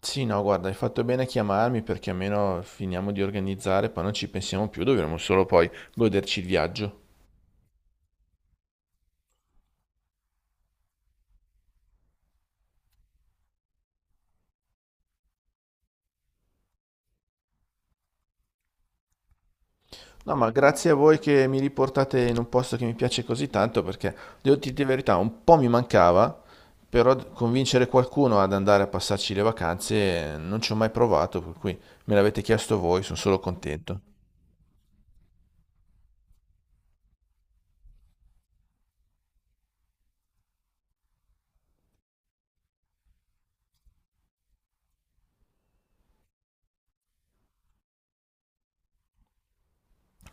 Sì, no, guarda, hai fatto bene a chiamarmi perché almeno finiamo di organizzare, poi non ci pensiamo più, dovremo solo poi goderci il viaggio. No, ma grazie a voi che mi riportate in un posto che mi piace così tanto perché, devo dirti la verità, un po' mi mancava, però convincere qualcuno ad andare a passarci le vacanze non ci ho mai provato, per cui me l'avete chiesto voi, sono solo contento.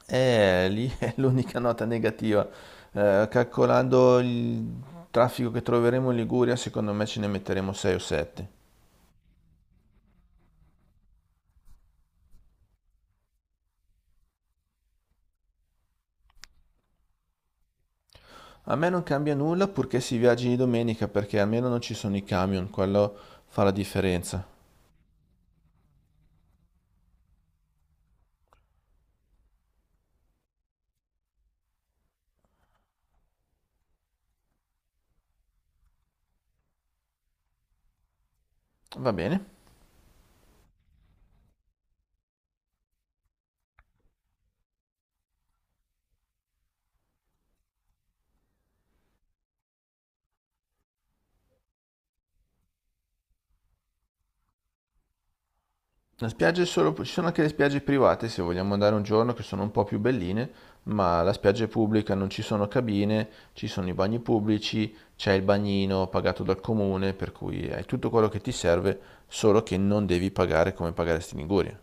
Lì è l'unica nota negativa. Calcolando il traffico che troveremo in Liguria, secondo me ce ne metteremo 6 o 7. A me non cambia nulla purché si viaggi di domenica perché almeno non ci sono i camion, quello fa la differenza. Va bene. La spiaggia è solo... ci sono anche le spiagge private se vogliamo andare un giorno che sono un po' più belline, ma la spiaggia è pubblica, non ci sono cabine, ci sono i bagni pubblici, c'è il bagnino pagato dal comune, per cui hai tutto quello che ti serve, solo che non devi pagare come pagaresti in Liguria.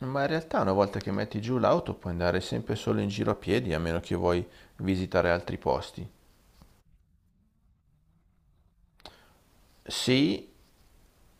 Ma in realtà una volta che metti giù l'auto puoi andare sempre solo in giro a piedi, a meno che vuoi visitare altri posti. Sì,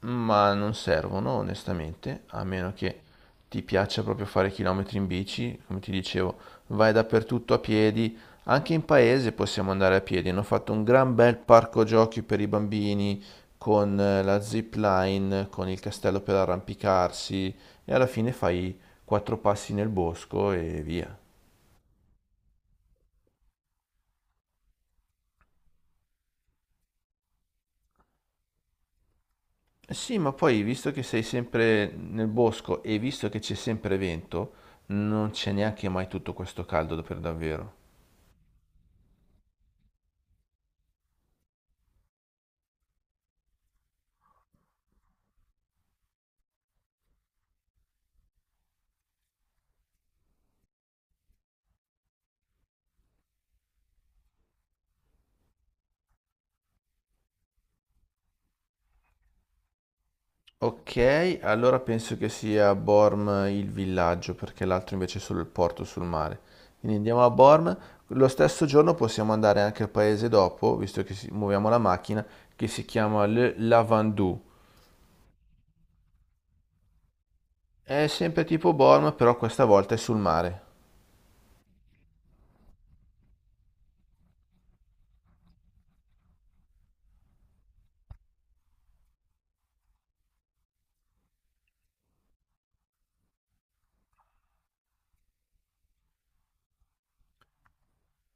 ma non servono, onestamente, a meno che ti piaccia proprio fare chilometri in bici. Come ti dicevo, vai dappertutto a piedi. Anche in paese possiamo andare a piedi. Hanno fatto un gran bel parco giochi per i bambini con la zip line, con il castello per arrampicarsi e alla fine fai quattro passi nel bosco e via. Sì, ma poi visto che sei sempre nel bosco e visto che c'è sempre vento, non c'è neanche mai tutto questo caldo per davvero. Ok, allora penso che sia Borm il villaggio, perché l'altro invece è solo il porto sul mare. Quindi andiamo a Borm. Lo stesso giorno possiamo andare anche al paese dopo, visto che muoviamo la macchina, che si chiama Le Lavandou. È sempre tipo Borm, però questa volta è sul mare.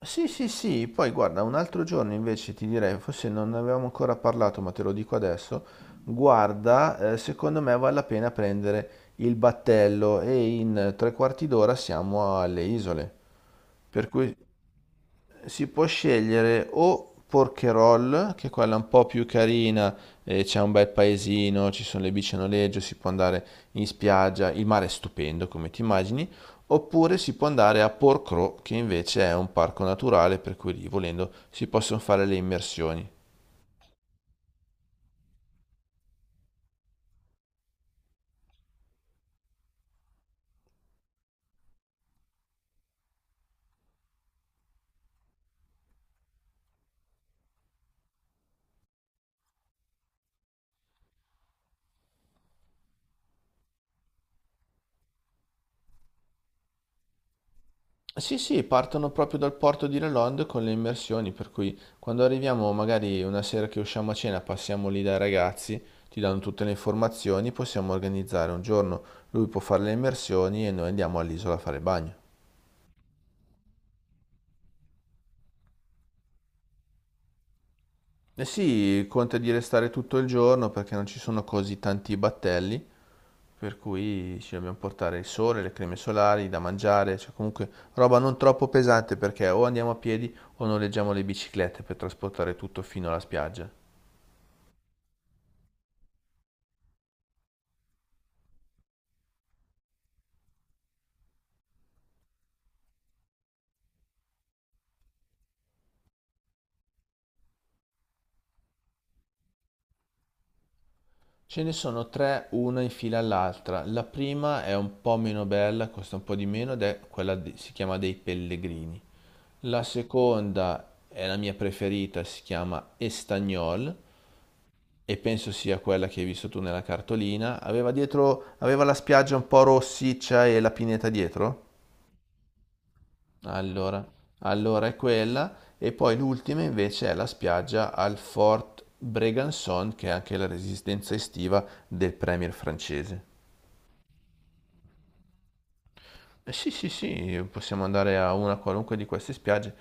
Sì, sì, sì, poi guarda, un altro giorno invece ti direi, forse non ne avevamo ancora parlato, ma te lo dico adesso, guarda, secondo me vale la pena prendere il battello e in tre quarti d'ora siamo alle isole. Per cui si può scegliere o Porquerolles, che è quella un po' più carina, c'è un bel paesino, ci sono le bici a noleggio, si può andare in spiaggia, il mare è stupendo come ti immagini, oppure si può andare a Porcro, che invece è un parco naturale per cui lì volendo si possono fare le immersioni. Sì, sì, partono proprio dal porto di Lelond con le immersioni, per cui quando arriviamo, magari una sera che usciamo a cena, passiamo lì dai ragazzi, ti danno tutte le informazioni, possiamo organizzare un giorno, lui può fare le immersioni e noi andiamo all'isola a fare bagno. E sì, conta di restare tutto il giorno perché non ci sono così tanti battelli, per cui ci dobbiamo portare il sole, le creme solari, da mangiare, cioè comunque roba non troppo pesante perché o andiamo a piedi o noleggiamo le biciclette per trasportare tutto fino alla spiaggia. Ce ne sono tre, una in fila all'altra. La prima è un po' meno bella, costa un po' di meno ed è quella, si chiama dei Pellegrini. La seconda è la mia preferita, si chiama Estagnol e penso sia quella che hai visto tu nella cartolina. Aveva dietro, aveva la spiaggia un po' rossiccia e la pineta dietro? Allora, allora è quella. E poi l'ultima invece è la spiaggia al Fort Bregançon, che è anche la resistenza estiva del premier francese. Sì, sì, sì, possiamo andare a una qualunque di queste spiagge.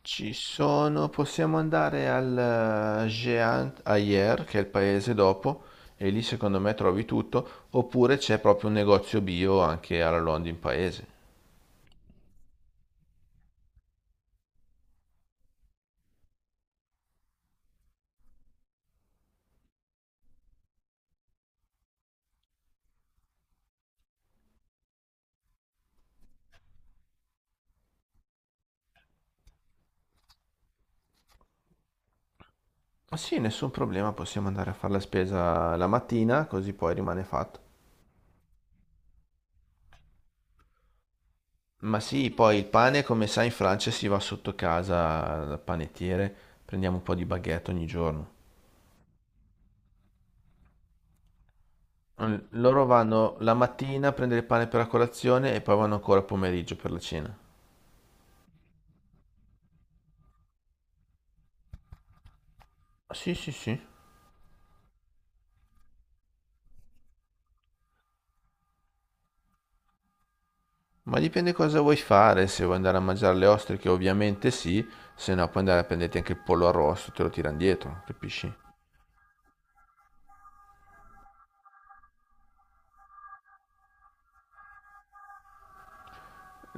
Ci sono, possiamo andare al Jean Ayer, che è il paese dopo, e lì secondo me trovi tutto, oppure c'è proprio un negozio bio anche alla London Paese. Ma sì, nessun problema, possiamo andare a fare la spesa la mattina, così poi rimane fatto. Ma sì, poi il pane, come sai, in Francia si va sotto casa dal panettiere, prendiamo un po' di baguette ogni giorno. Loro vanno la mattina a prendere il pane per la colazione e poi vanno ancora a pomeriggio per la cena. Sì, sì, sì. Ma dipende cosa vuoi fare, se vuoi andare a mangiare le ostriche ovviamente sì, se no puoi andare a prenderti anche il pollo arrosto, te lo tirano dietro, capisci?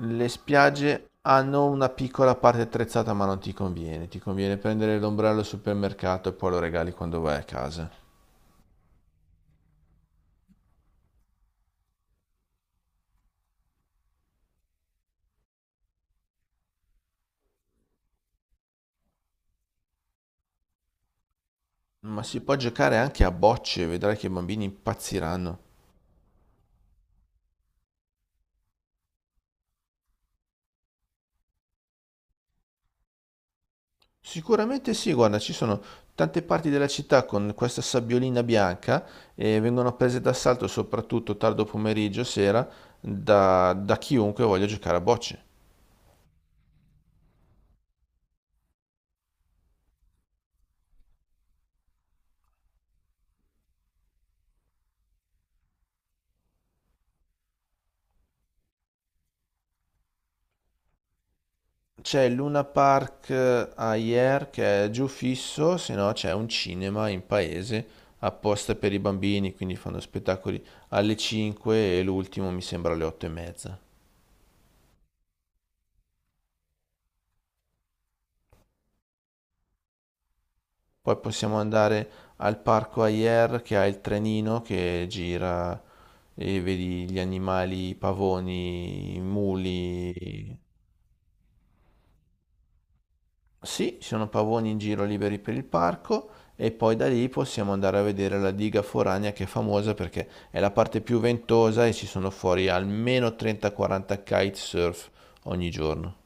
Le spiagge hanno una piccola parte attrezzata ma non ti conviene, ti conviene prendere l'ombrello al supermercato e poi lo regali quando vai a casa. Ma si può giocare anche a bocce, vedrai che i bambini impazziranno. Sicuramente sì, guarda, ci sono tante parti della città con questa sabbiolina bianca e vengono prese d'assalto soprattutto tardo pomeriggio, sera, da, da chiunque voglia giocare a bocce. C'è il Luna Park Ayer che è giù fisso, se no c'è un cinema in paese apposta per i bambini, quindi fanno spettacoli alle 5 e l'ultimo mi sembra alle 8 e mezza. Poi possiamo andare al parco Ayer che ha il trenino che gira e vedi gli animali, i pavoni, i muli. Sì, ci sono pavoni in giro liberi per il parco e poi da lì possiamo andare a vedere la diga foranea che è famosa perché è la parte più ventosa e ci sono fuori almeno 30-40 kitesurf ogni giorno.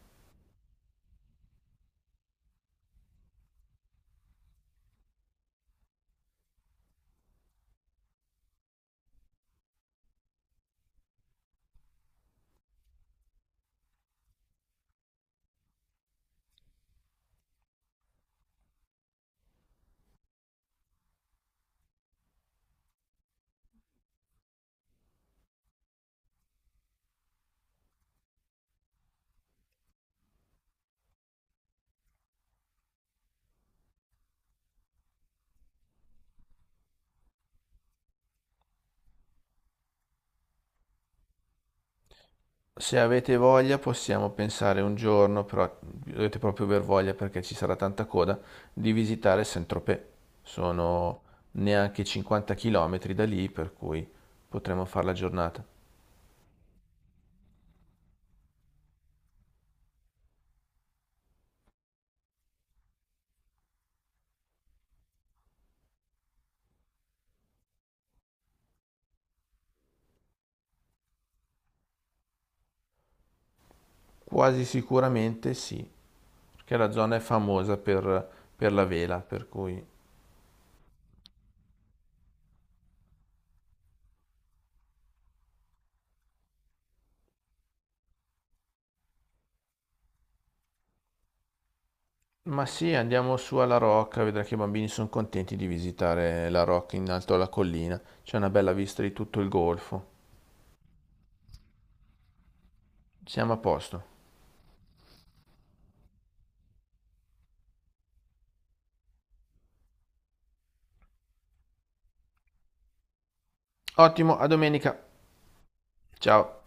Se avete voglia possiamo pensare un giorno, però dovete proprio aver voglia perché ci sarà tanta coda, di visitare Saint-Tropez. Sono neanche 50 km da lì, per cui potremo fare la giornata. Quasi sicuramente sì, perché la zona è famosa per la vela, per cui... Ma sì, andiamo su alla Rocca, vedrai che i bambini sono contenti di visitare la Rocca in alto alla collina. C'è una bella vista di tutto il golfo. Siamo a posto. Ottimo, a domenica. Ciao.